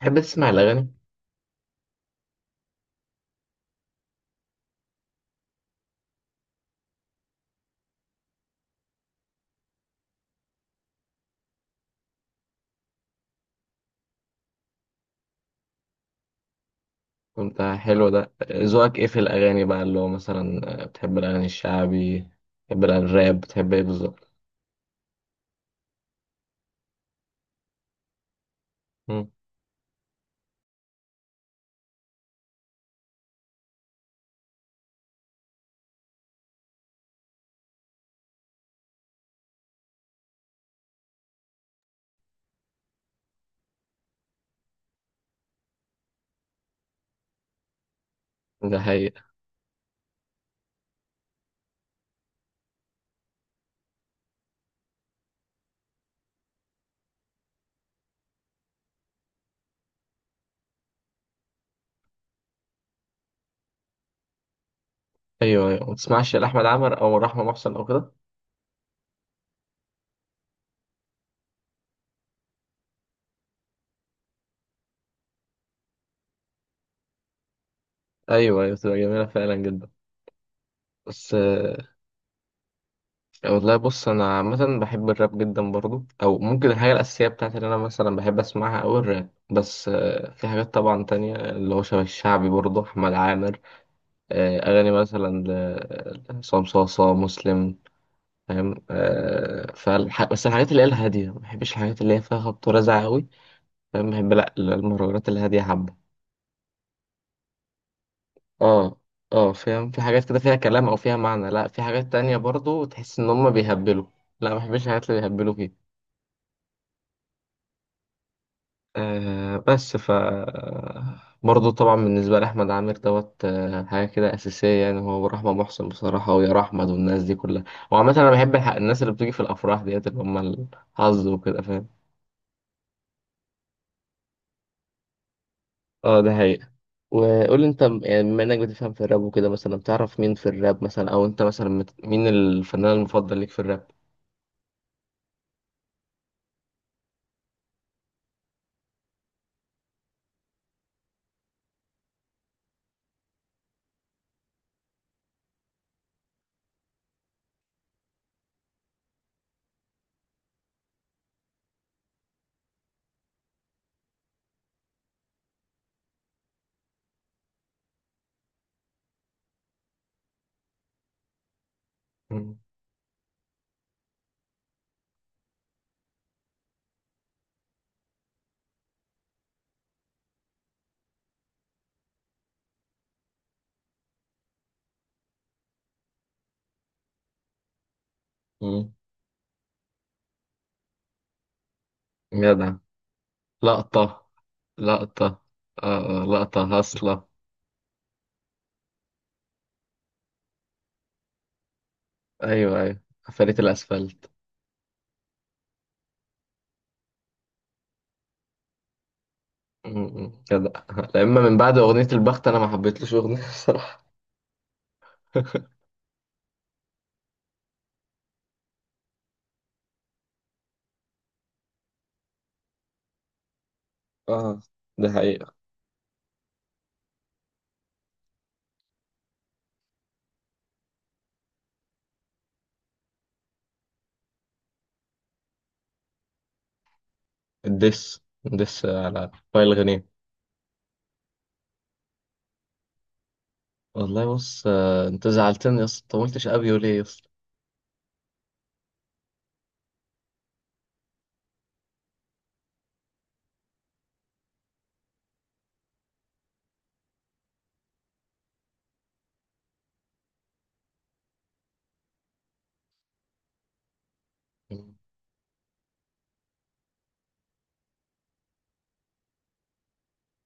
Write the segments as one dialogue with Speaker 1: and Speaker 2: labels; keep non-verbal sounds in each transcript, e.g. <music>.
Speaker 1: تحب تسمع الأغاني؟ كنت حلو ده. ذوقك إيه في الأغاني بقى اللي هو مثلا بتحب الأغاني الشعبي؟ بتحب الراب؟ بتحب إيه بالظبط؟ مم. ده حقيقة. أيوه أيوه، ما تسمعش لأحمد عمر أو رحمة محسن أو كده؟ أيوه أيوه، بتبقى جميلة فعلا جدا. بس والله بص، أنا عامة بحب الراب جدا برضو، أو ممكن الحاجة الأساسية بتاعتي اللي أنا مثلا بحب أسمعها أوي الراب. بس في حاجات طبعا تانية اللي هو شبه الشعبي، برضو أحمد عامر. أغاني مثلا لعصام صاصا مسلم. فاهم آه؟ بس الحاجات اللي هي الهادية، ما بحبش الحاجات اللي هي فيها خبط ورزع قوي. فاهم؟ بحب لا المهرجانات الهادية حبة. اه اه، فاهم؟ في حاجات كده فيها كلام او فيها معنى، لا في حاجات تانية برضو تحس ان هم بيهبلوا. لا ما بحبش الحاجات اللي بيهبلوا فيها. آه بس ف برضه طبعا بالنسبة لأحمد عامر دوت حاجة كده أساسية. يعني هو ورحمة محسن بصراحة ويا أحمد والناس دي كلها. وعامة أنا بحب الناس اللي بتيجي في الأفراح ديت، اللي هم الحظ وكده، فاهم. اه، ده حقيقي. وقول لي انت يعني بما انك بتفهم في الراب وكده، مثلا بتعرف مين في الراب مثلا، او انت مثلا مين الفنان المفضل ليك في الراب؟ مم. مم. جدع. لقطة. لقطة. آه آه، لقطة هاصلة. ايوه ايوه، فريق الاسفلت. جدع <laughs> لما من بعد اغنية البخت انا ما حبيتلوش اغنية بصراحة. <laughs> اه، ده حقيقة. الدس. الدس على فايل غنيم. والله بص انت زعلتني يا اسطى، انت ما قلتش ابيو ليه يا اسطى.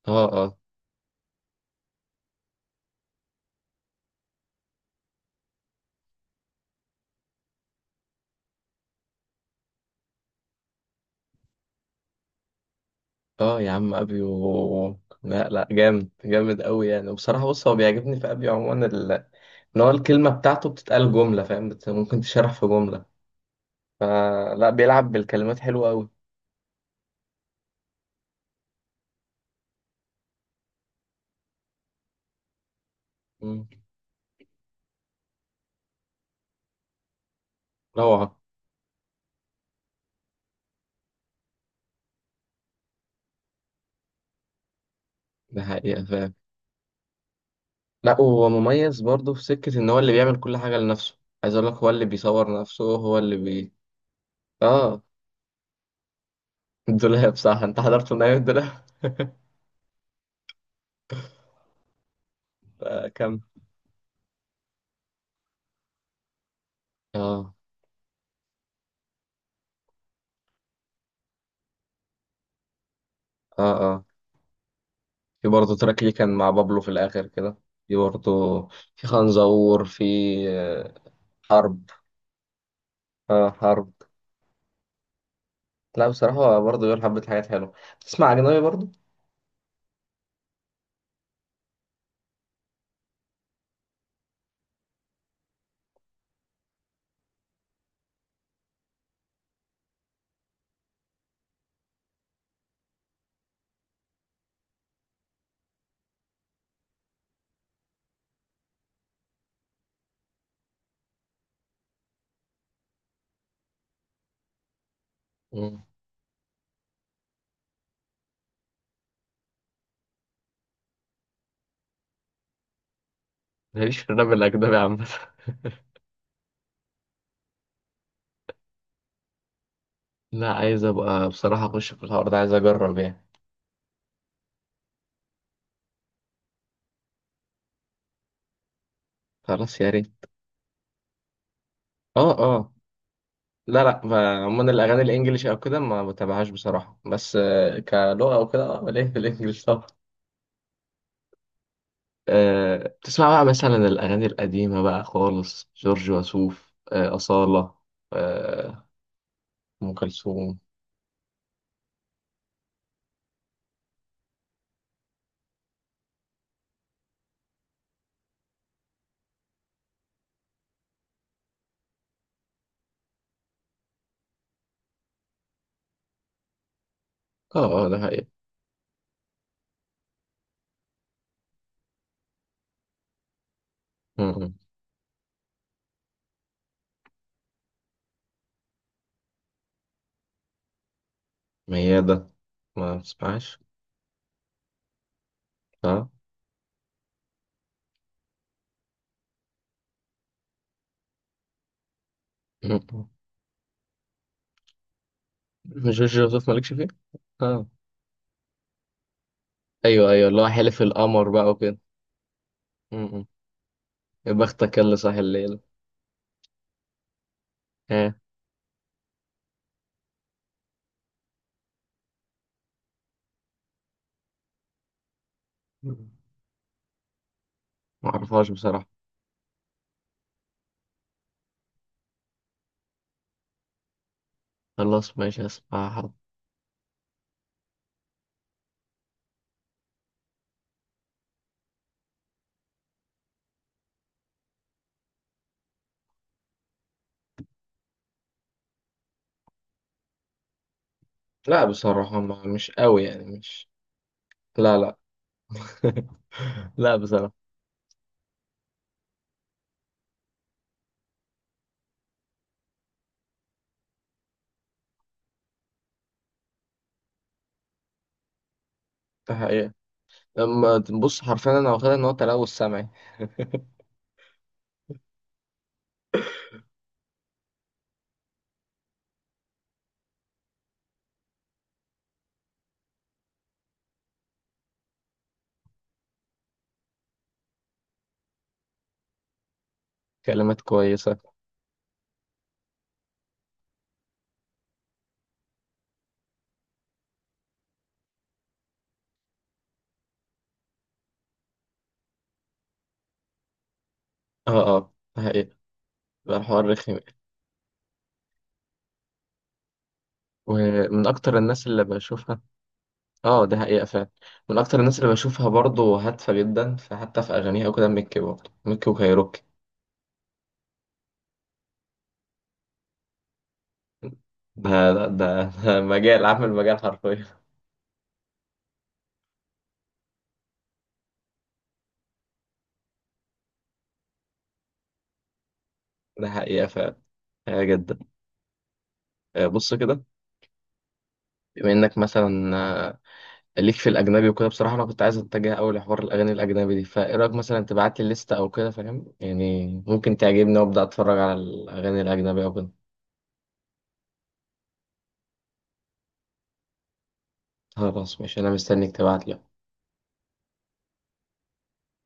Speaker 1: اه اه. اه يا عم، ابيو لا لا، جامد جامد قوي يعني. وبصراحه بص، هو بيعجبني في ابيو عموما ان هو الكلمه بتاعته بتتقال جمله، فاهم؟ ممكن تشرح في جمله، فلا بيلعب بالكلمات حلوه قوي. مم. روعه. ده حقيقه، فاهم. لا هو مميز برضه في سكه ان هو اللي بيعمل كل حاجه لنفسه. عايز اقول لك، هو اللي بيصور نفسه، هو اللي بي... اه الدولاب. صح، انت حضرت من ايام الدولاب <laughs> فكم. اه اه في برضه تراك ليه كان مع بابلو في الآخر كده. في برضه. في خنزور. في آه، حرب. آه حرب. لا بصراحة، هو برضه بيقول حبة حاجات حلوة. تسمع أجنبي برضه؟ مم. ماليش في الراب الأجنبي عامة. <laughs> لا عايز أبقى بصراحة أخش في الحوار ده، عايز أجرب يعني. خلاص، يا ريت. اه اه. لا لا، عموما الأغاني الإنجليش أو كده ما بتابعهاش بصراحة. بس كلغة أو كده اه ليه في الإنجليش <laughs> طبعا. بتسمع بقى مثلا الأغاني القديمة بقى خالص، جورج وسوف أصالة آه، أم كلثوم. اه اه، ده حقيقي. م- م. ميادة ما بتسمعش؟ اه. م- م. جورج وسوف مالكش فيه؟ اه. أيوه أيوه، اللي هو حلف القمر بقى وكده. م- م. يا بختك اللي صاحي الليل. ها؟ ما أعرفهاش بصراحة. خلاص ماشي، هسمعها. لا بصراحة، ما مش قوي يعني، مش... لا لا. <laughs> لا بصراحة. ده حقيقي. لما تبص حرفيا، انا واخدها ان هو تلوث سمعي. كلمات كويسه. اه اه، ده حقيقه. بقى حوار رخم. ومن اكتر الناس اللي بشوفها. اه، ده حقيقه فعلا. من اكتر الناس اللي بشوفها برضه هادفه جدا، فحتى في اغانيها وكده، ميكي، برضه ميكي وكايروكي. ده ده مجال، عامل مجال حرفيا. ده حقيقه فعلا. حقيقة جدا. بص كده، بما انك مثلا ليك في الاجنبي وكده، بصراحه انا كنت عايز اتجه اول لحوار الاغاني الاجنبي دي، فايه رايك مثلا تبعت لي الليسته او كده، فاهم يعني؟ ممكن تعجبني وابدا اتفرج على الاغاني الاجنبي او كده. خلاص ماشي، انا مستنيك تبعت لي.